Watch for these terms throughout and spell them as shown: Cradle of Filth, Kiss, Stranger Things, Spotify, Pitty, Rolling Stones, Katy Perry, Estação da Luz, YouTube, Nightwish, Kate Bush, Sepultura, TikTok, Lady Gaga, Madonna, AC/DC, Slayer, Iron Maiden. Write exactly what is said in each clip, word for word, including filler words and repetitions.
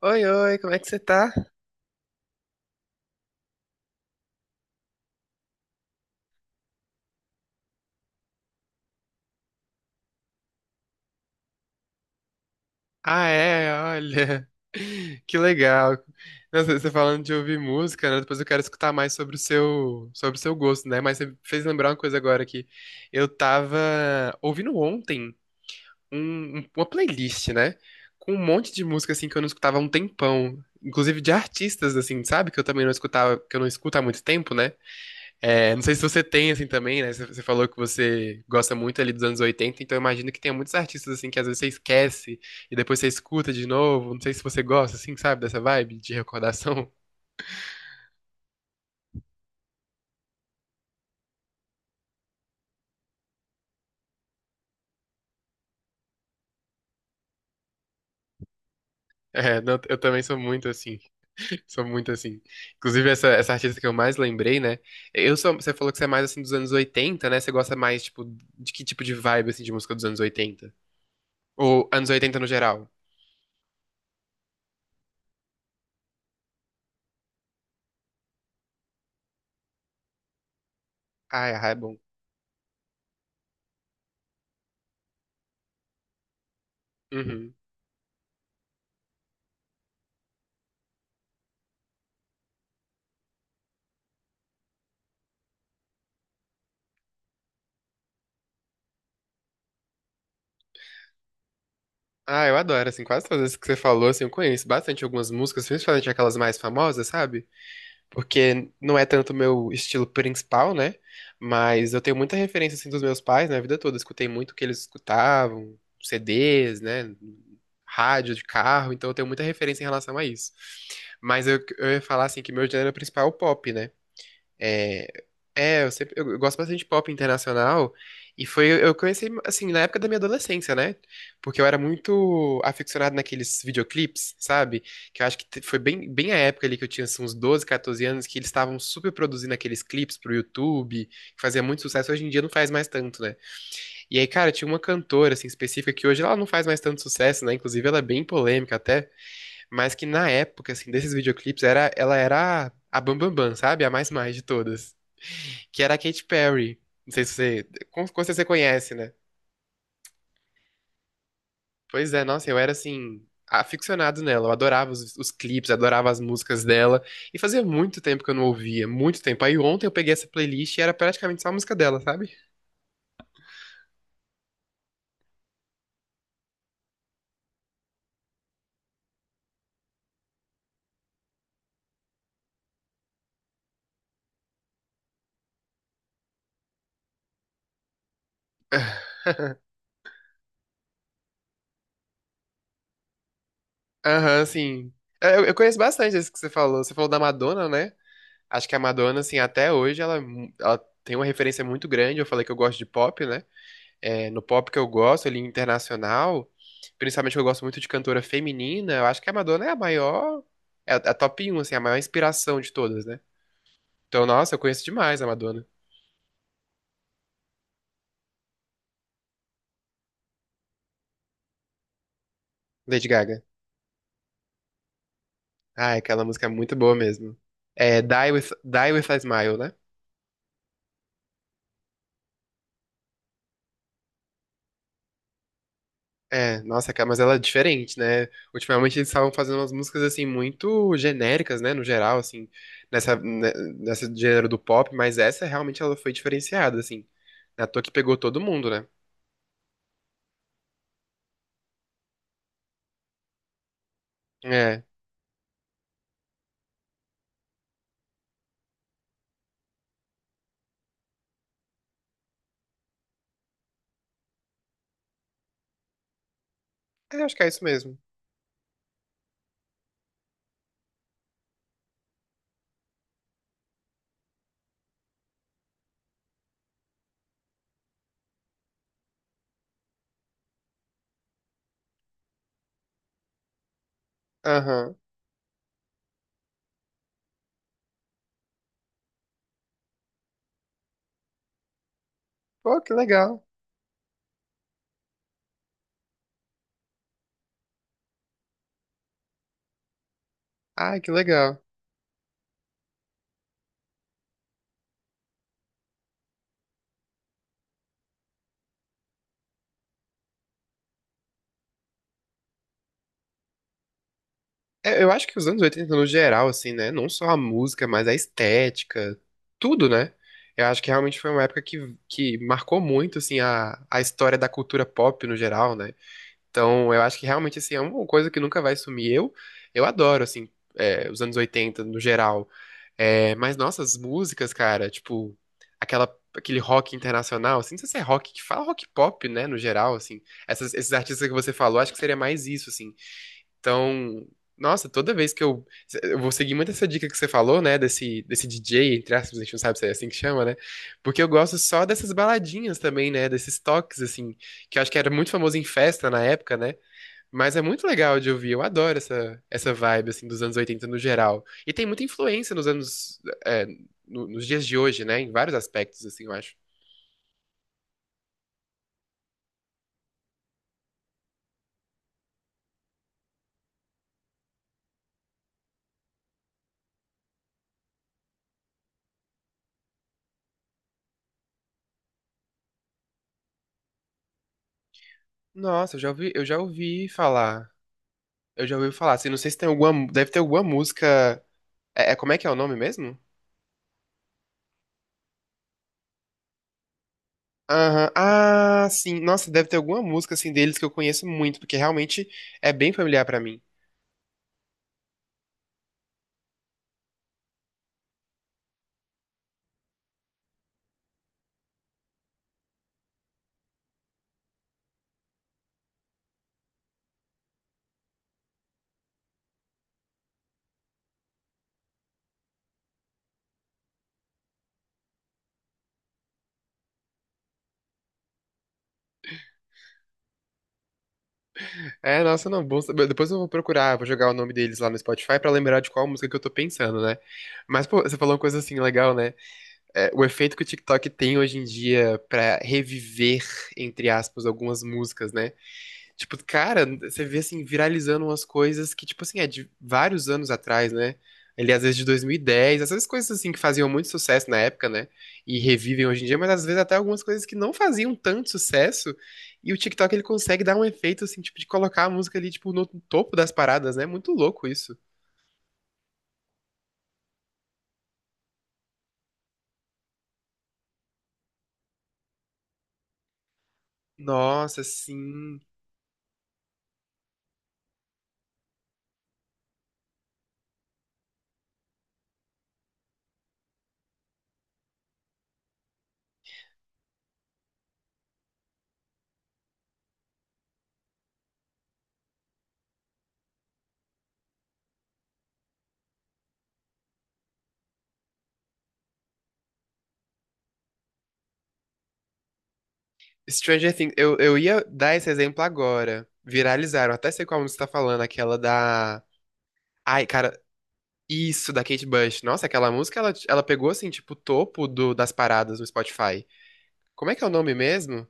Oi, oi, como é que você tá? Ah, é, olha. Que legal. Nossa, você falando de ouvir música, né? Depois eu quero escutar mais sobre o seu, sobre o seu gosto, né? Mas você fez lembrar uma coisa agora que eu tava ouvindo ontem um- um- uma playlist, né? Com um monte de música assim que eu não escutava há um tempão, inclusive de artistas assim, sabe? Que eu também não escutava, que eu não escuto há muito tempo, né? É, não sei se você tem, assim, também, né? Você você falou que você gosta muito ali dos anos oitenta, então eu imagino que tem muitos artistas, assim, que às vezes você esquece e depois você escuta de novo. Não sei se você gosta, assim, sabe, dessa vibe de recordação. É, não, eu também sou muito assim, sou muito assim. Inclusive, essa, essa artista que eu mais lembrei, né? Eu sou, você falou que você é mais, assim, dos anos oitenta, né? Você gosta mais, tipo, de que tipo de vibe, assim, de música dos anos oitenta? Ou anos oitenta no geral? Ah, é, é bom. Uhum. Ah, eu adoro, assim, quase todas as que você falou, assim, eu conheço bastante algumas músicas, principalmente aquelas mais famosas, sabe? Porque não é tanto o meu estilo principal, né? Mas eu tenho muita referência, assim, dos meus pais na vida toda. Escutei muito o que eles escutavam, C Ds, né? Rádio de carro, então eu tenho muita referência em relação a isso. Mas eu, eu ia falar, assim, que meu gênero principal é o pop, né? É, é, eu sempre, eu gosto bastante de pop internacional e foi eu conheci assim na época da minha adolescência, né? Porque eu era muito aficionado naqueles videoclipes, sabe? Que eu acho que te- foi bem, bem a época ali que eu tinha assim, uns doze, catorze anos que eles estavam super produzindo aqueles clipes pro YouTube, que fazia muito sucesso, hoje em dia não faz mais tanto, né? E aí, cara, tinha uma cantora assim específica que hoje ela não faz mais tanto sucesso, né? Inclusive ela é bem polêmica até, mas que na época assim desses videoclipes era ela era a Bam Bam Bam, sabe? A mais mais de todas que era a Katy Perry. Não sei se você. Com, com certeza você conhece, né? Pois é, nossa, eu era assim, aficionado nela. Eu adorava os, os clipes, adorava as músicas dela. E fazia muito tempo que eu não ouvia, muito tempo. Aí ontem eu peguei essa playlist e era praticamente só a música dela, sabe? Aham, sim. É, eu, eu conheço bastante isso que você falou. Você falou da Madonna, né? Acho que a Madonna, assim, até hoje, ela, ela tem uma referência muito grande. Eu falei que eu gosto de pop, né? É, no pop que eu gosto, ali, internacional, principalmente que eu gosto muito de cantora feminina, eu acho que a Madonna é a maior, é a, a top um, assim, a maior inspiração de todas, né? Então, nossa, eu conheço demais a Madonna. Lady Gaga. Ah, aquela música é muito boa mesmo. É Die With, Die With a Smile, né? É, nossa, cara, mas ela é diferente, né? Ultimamente eles estavam fazendo umas músicas assim muito genéricas, né, no geral, assim, nessa né, nessa gênero do pop, mas essa realmente ela foi diferenciada, assim. Na toa que pegou todo mundo, né? É. É, acho que é isso mesmo. Aham. Pô, que legal. Ai, que legal. É, eu acho que os anos oitenta no geral, assim, né? Não só a música, mas a estética, tudo, né? Eu acho que realmente foi uma época que, que marcou muito, assim, a, a história da cultura pop no geral, né? Então, eu acho que realmente assim, é uma coisa que nunca vai sumir. Eu, eu adoro, assim, é, os anos oitenta no geral. É, mas nossas músicas, cara, tipo, aquela, aquele rock internacional, assim, não sei se é rock que fala rock pop, né, no geral, assim. Essas- esses artistas que você falou, acho que seria mais isso, assim. Então, nossa, toda vez que eu. Eu vou seguir muito essa dica que você falou, né, desse, desse D J, entre aspas, a gente não sabe se é assim que chama, né? Porque eu gosto só dessas baladinhas também, né, desses toques, assim, que eu acho que era muito famoso em festa na época, né? Mas é muito legal de ouvir, eu adoro essa, essa vibe, assim, dos anos oitenta no geral. E tem muita influência nos anos, é, no- nos dias de hoje, né? Em vários aspectos, assim, eu acho. Nossa, eu já ouvi, eu já ouvi falar. Eu já ouvi falar, assim, não sei se tem alguma, deve ter alguma música, é, é- como é que é o nome mesmo? Aham. Ah, sim, nossa, deve ter alguma música, assim, deles que eu conheço muito, porque realmente é bem familiar pra mim. É, nossa, não, bom saber. Depois eu vou procurar, vou jogar o nome deles lá no Spotify pra lembrar de qual música que eu tô pensando, né? Mas, pô, você falou uma coisa assim legal, né? É, o efeito que o TikTok tem hoje em dia pra reviver, entre aspas, algumas músicas, né? Tipo, cara, você vê assim, viralizando umas coisas que, tipo assim, é de vários anos atrás, né? Ele, às vezes, de dois mil e dez, essas coisas assim que faziam muito sucesso na época, né? E revivem hoje em dia, mas às vezes até algumas coisas que não faziam tanto sucesso. E o TikTok ele consegue dar um efeito, assim, tipo, de colocar a música ali, tipo, no topo das paradas, né? Muito louco isso. Nossa, sim. Stranger Things, eu, eu ia dar esse exemplo agora. Viralizaram, até sei qual música você tá falando, aquela da. Ai, cara, isso, da Kate Bush. Nossa, aquela música, ela, ela pegou, assim, tipo, o topo do, das paradas no Spotify. Como é que é o nome mesmo?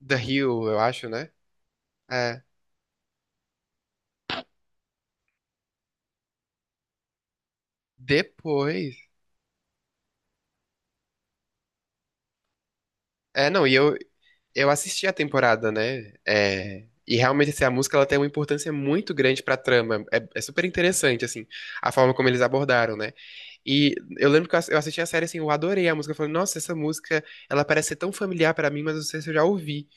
The Hill, eu acho, né? É. Depois... É, não, e eu, eu assisti a temporada, né? É, e realmente, assim, a música, ela tem uma importância muito grande pra trama. É, é super interessante, assim, a forma como eles abordaram, né? E eu lembro que eu ass- eu assisti a série, assim, eu adorei a música. Eu falei, nossa, essa música, ela parece ser tão familiar pra mim, mas eu não sei se eu já ouvi.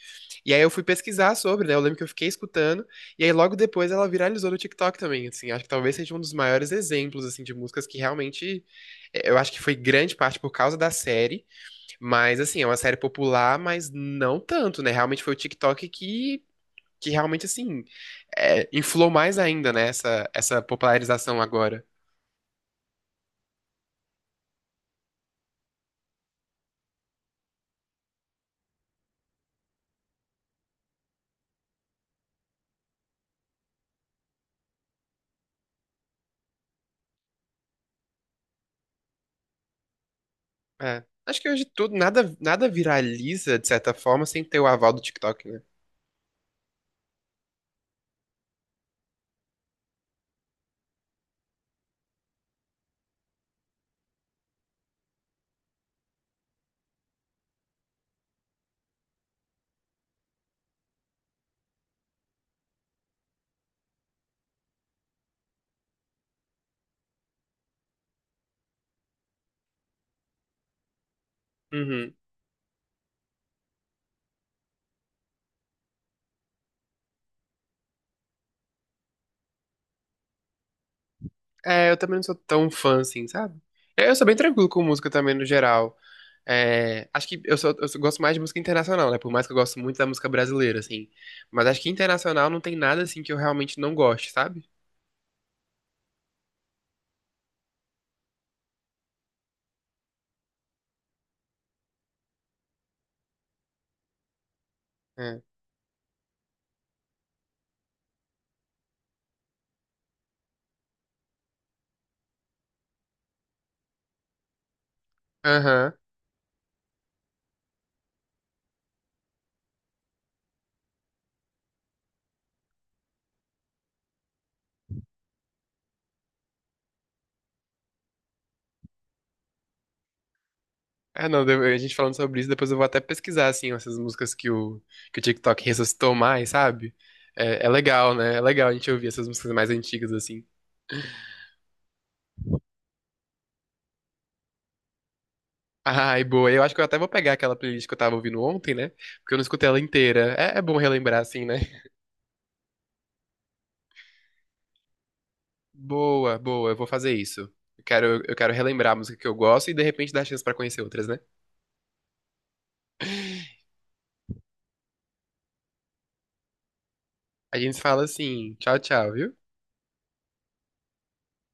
E aí eu fui pesquisar sobre, né? Eu lembro que eu fiquei escutando, e aí logo depois ela viralizou no TikTok também, assim. Acho que talvez seja um dos maiores exemplos, assim, de músicas que realmente... eh, eu acho que foi grande parte por causa da série, mas, assim, é uma série popular, mas não tanto, né? Realmente foi o TikTok que, que realmente, assim, eh, inflou mais ainda, né? Essa, essa popularização agora. É. Acho que hoje tudo, nada, nada viraliza, de certa forma, sem ter o aval do TikTok, né? Uhum. É, eu também não sou tão fã assim, sabe? É, eu sou bem tranquilo com música também, no geral. É, acho que eu, sou, eu sou- gosto mais de música internacional, né? Por mais que eu gosto muito da música brasileira, assim. Mas acho que internacional não tem nada, assim, que eu realmente não goste, sabe? É. Aham. É, não, deu- a gente falando sobre isso, depois eu vou até pesquisar, assim, essas músicas que o, que o TikTok ressuscitou mais, sabe? É, é legal, né? É legal a gente ouvir essas músicas mais antigas, assim. Ai, boa. Eu acho que eu até vou pegar aquela playlist que eu tava ouvindo ontem, né? Porque eu não escutei ela inteira. É, é bom relembrar, assim, né? Boa, boa, eu vou fazer isso. Eu quero, eu quero relembrar a música que eu gosto e de repente dar chance pra conhecer outras, né? A gente fala assim, tchau, tchau, viu?